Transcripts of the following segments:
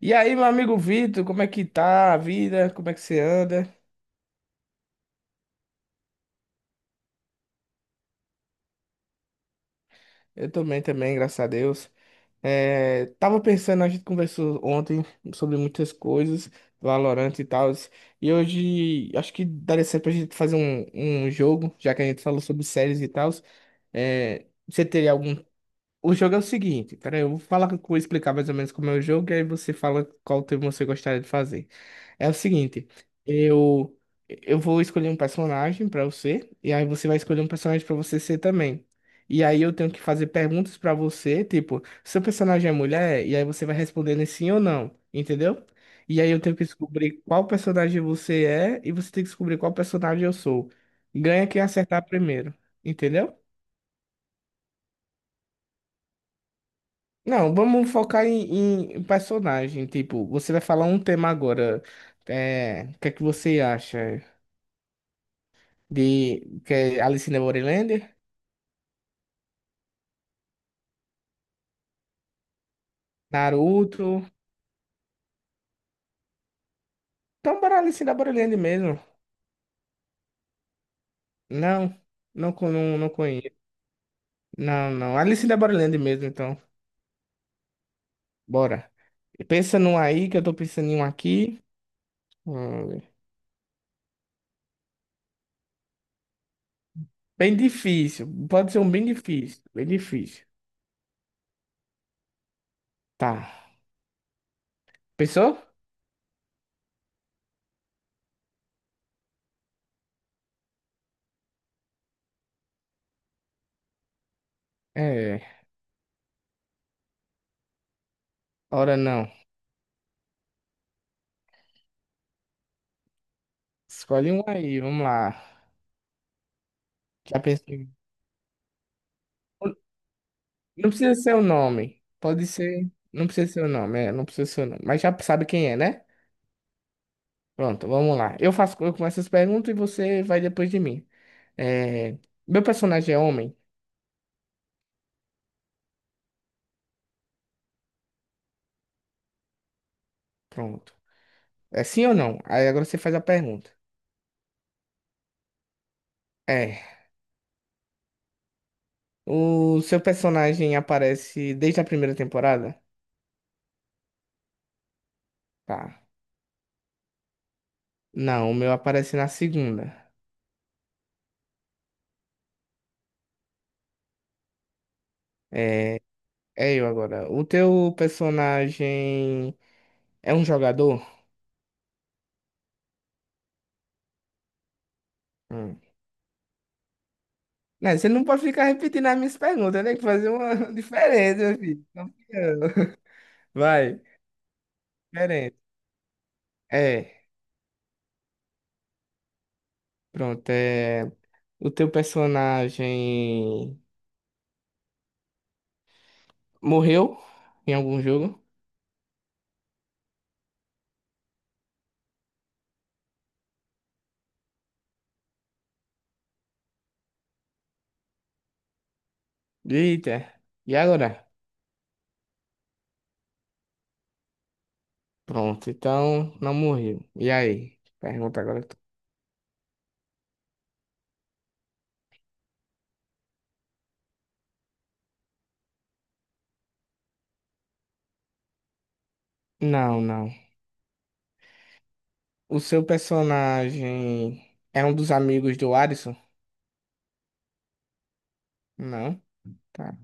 E aí, meu amigo Vitor, como é que tá a vida? Como é que você anda? Eu também, também, graças a Deus. É, tava pensando, a gente conversou ontem sobre muitas coisas, Valorant e tal, e hoje acho que daria certo pra gente fazer um jogo, já que a gente falou sobre séries e tal. É, você teria algum... O jogo é o seguinte, peraí, eu vou falar, vou explicar mais ou menos como é o jogo, e aí você fala qual tema você gostaria de fazer. É o seguinte, eu eu vou escolher um personagem pra você, e aí você vai escolher um personagem pra você ser também. E aí eu tenho que fazer perguntas pra você, tipo, seu personagem é mulher? E aí você vai respondendo em sim ou não, entendeu? E aí eu tenho que descobrir qual personagem você é, e você tem que descobrir qual personagem eu sou. Ganha quem acertar primeiro, entendeu? Não, vamos focar em personagem. Tipo, você vai falar um tema agora. É, o que é que você acha de que é Alice in the Borderland? Naruto? Então, bora Alice in the Borderland mesmo. Não, não, não, não conheço. Não, não. Alice in the Borderland mesmo, então. Bora. Pensa num aí, que eu tô pensando em um aqui. Hum. Bem difícil. Pode ser um bem difícil. Bem difícil. Tá. Pensou? É. Ora não. Escolhe um aí, vamos lá. Já pensou? Não precisa ser o nome. Pode ser. Não precisa ser o nome, é, não precisa ser o nome. Mas já sabe quem é, né? Pronto, vamos lá. Eu faço, eu começo as perguntas e você vai depois de mim. É, meu personagem é homem? Pronto. É sim ou não? Aí agora você faz a pergunta. É. O seu personagem aparece desde a primeira temporada? Tá. Não, o meu aparece na segunda. É, é eu agora. O teu personagem é um jogador? Hum. Não, você não pode ficar repetindo as minhas perguntas, tem que fazer uma diferença, meu filho. Campeão. Vai, diferente. É, pronto. É... O teu personagem morreu em algum jogo? Eita, e agora? Pronto, então não morreu. E aí? Pergunta agora, tu. Não, não. O seu personagem é um dos amigos do Alisson? Não, tá.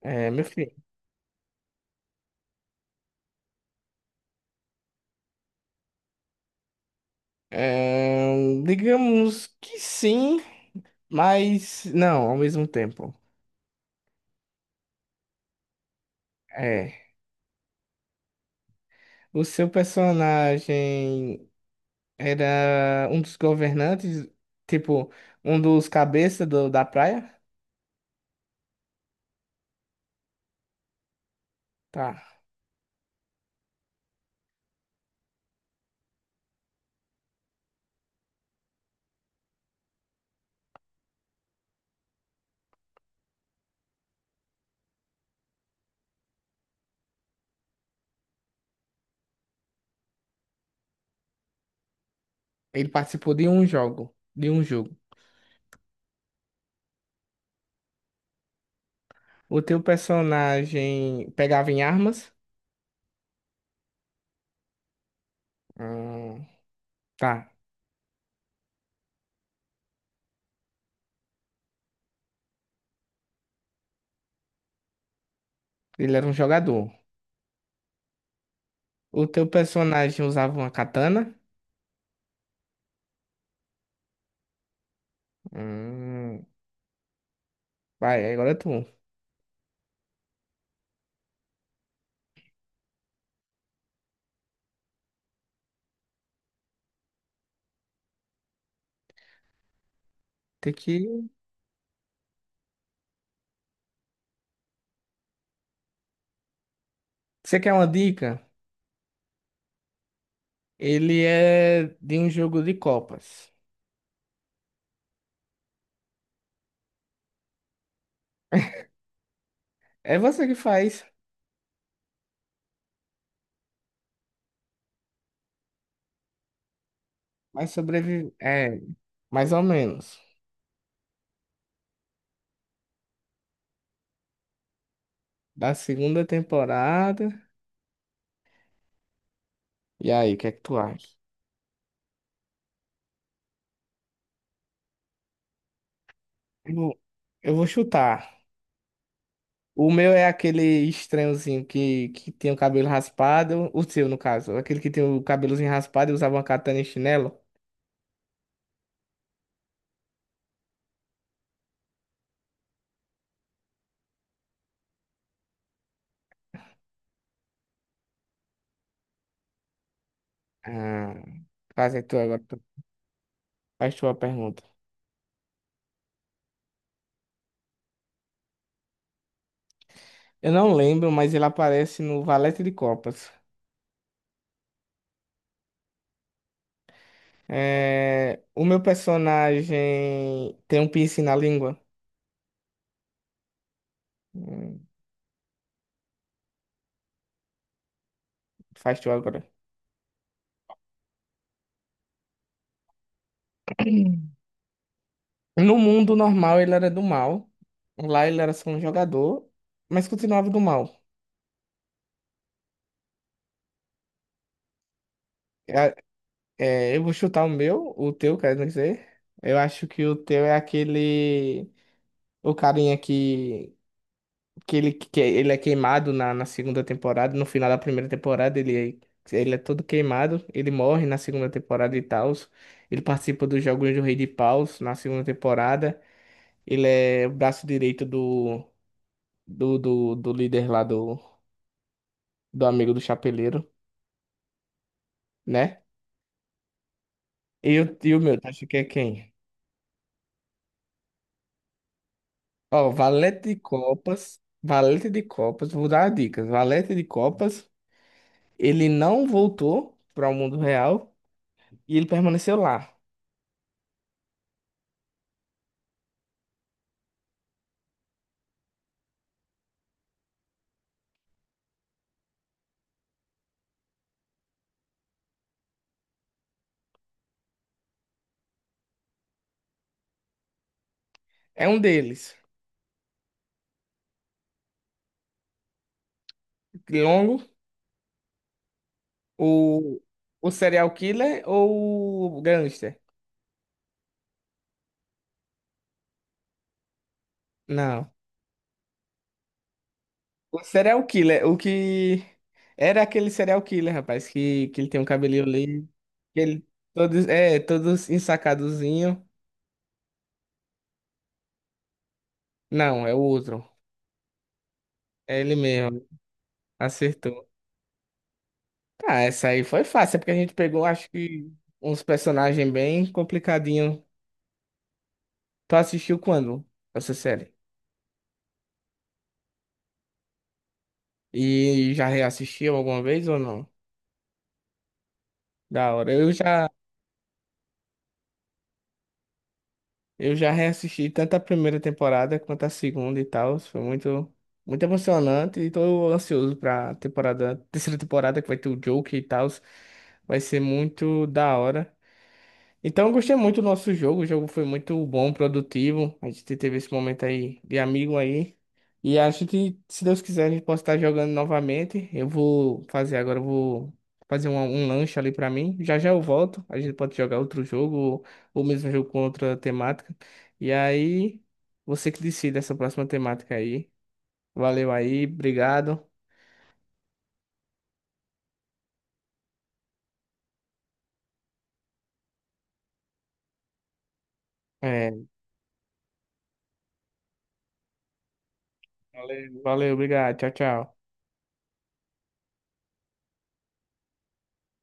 É, meu filho. É, digamos que sim. Mas não, ao mesmo tempo. É. O seu personagem era um dos governantes, tipo, um dos cabeças da praia? Tá. Ele participou de um jogo, de um jogo. O teu personagem pegava em armas? Hum, tá. Ele era um jogador. O teu personagem usava uma katana? Hum, vai, agora é tu. Tem que... Você quer uma dica? Ele é de um jogo de copas. É você que faz, mas sobrevive. É, mais ou menos. Da segunda temporada. E aí, o que é que tu acha? Eu vou eu vou chutar. O meu é aquele estranhozinho que tem o cabelo raspado. O seu, no caso. Aquele que tem o cabelozinho raspado e usava uma katana e chinelo. Ah, fazer tu agora. Faz tua pergunta. Eu não lembro, mas ele aparece no Valete de Copas. É, o meu personagem tem um piercing na língua. Hum. Faz tu agora. No mundo normal ele era do mal. Lá ele era só um jogador, mas continuava do mal. É, é, eu vou chutar o meu, o teu, quer dizer. Eu acho que o teu é aquele. O carinha que... que ele é queimado na segunda temporada. No final da primeira temporada, ele é todo queimado. Ele morre na segunda temporada e tal. Ele participa dos Jogos do Rei de Paus na segunda temporada. Ele é o braço direito do líder lá, do amigo do chapeleiro, né? E o tio meu, tu acha que é quem? Ó, valete de copas, vou dar dicas. Valete de copas, ele não voltou para o mundo real e ele permaneceu lá. É um deles. Longo, o, o serial killer ou o gangster? Não. O serial killer, o que era aquele serial killer, rapaz, que ele tem um cabelinho ali, que ele todos é todos ensacadozinho. Não, é o outro. É ele mesmo, acertou. Tá, essa aí foi fácil, é porque a gente pegou, acho que, uns personagens bem complicadinhos. Tu assistiu quando essa série? E já reassistiu alguma vez ou não? Da hora. Eu já reassisti tanto a primeira temporada quanto a segunda e tal. Foi muito, muito emocionante e tô ansioso pra temporada, terceira temporada que vai ter o Joker e tal. Vai ser muito da hora. Então, eu gostei muito do nosso jogo. O jogo foi muito bom, produtivo. A gente teve esse momento aí de amigo aí. E acho que se Deus quiser, a gente pode estar jogando novamente. Eu vou fazer um lanche ali pra mim. Já já eu volto. A gente pode jogar outro jogo ou mesmo jogo com outra temática. E aí, você que decide essa próxima temática aí. Valeu aí, obrigado. É, valeu, valeu, obrigado. Tchau, tchau.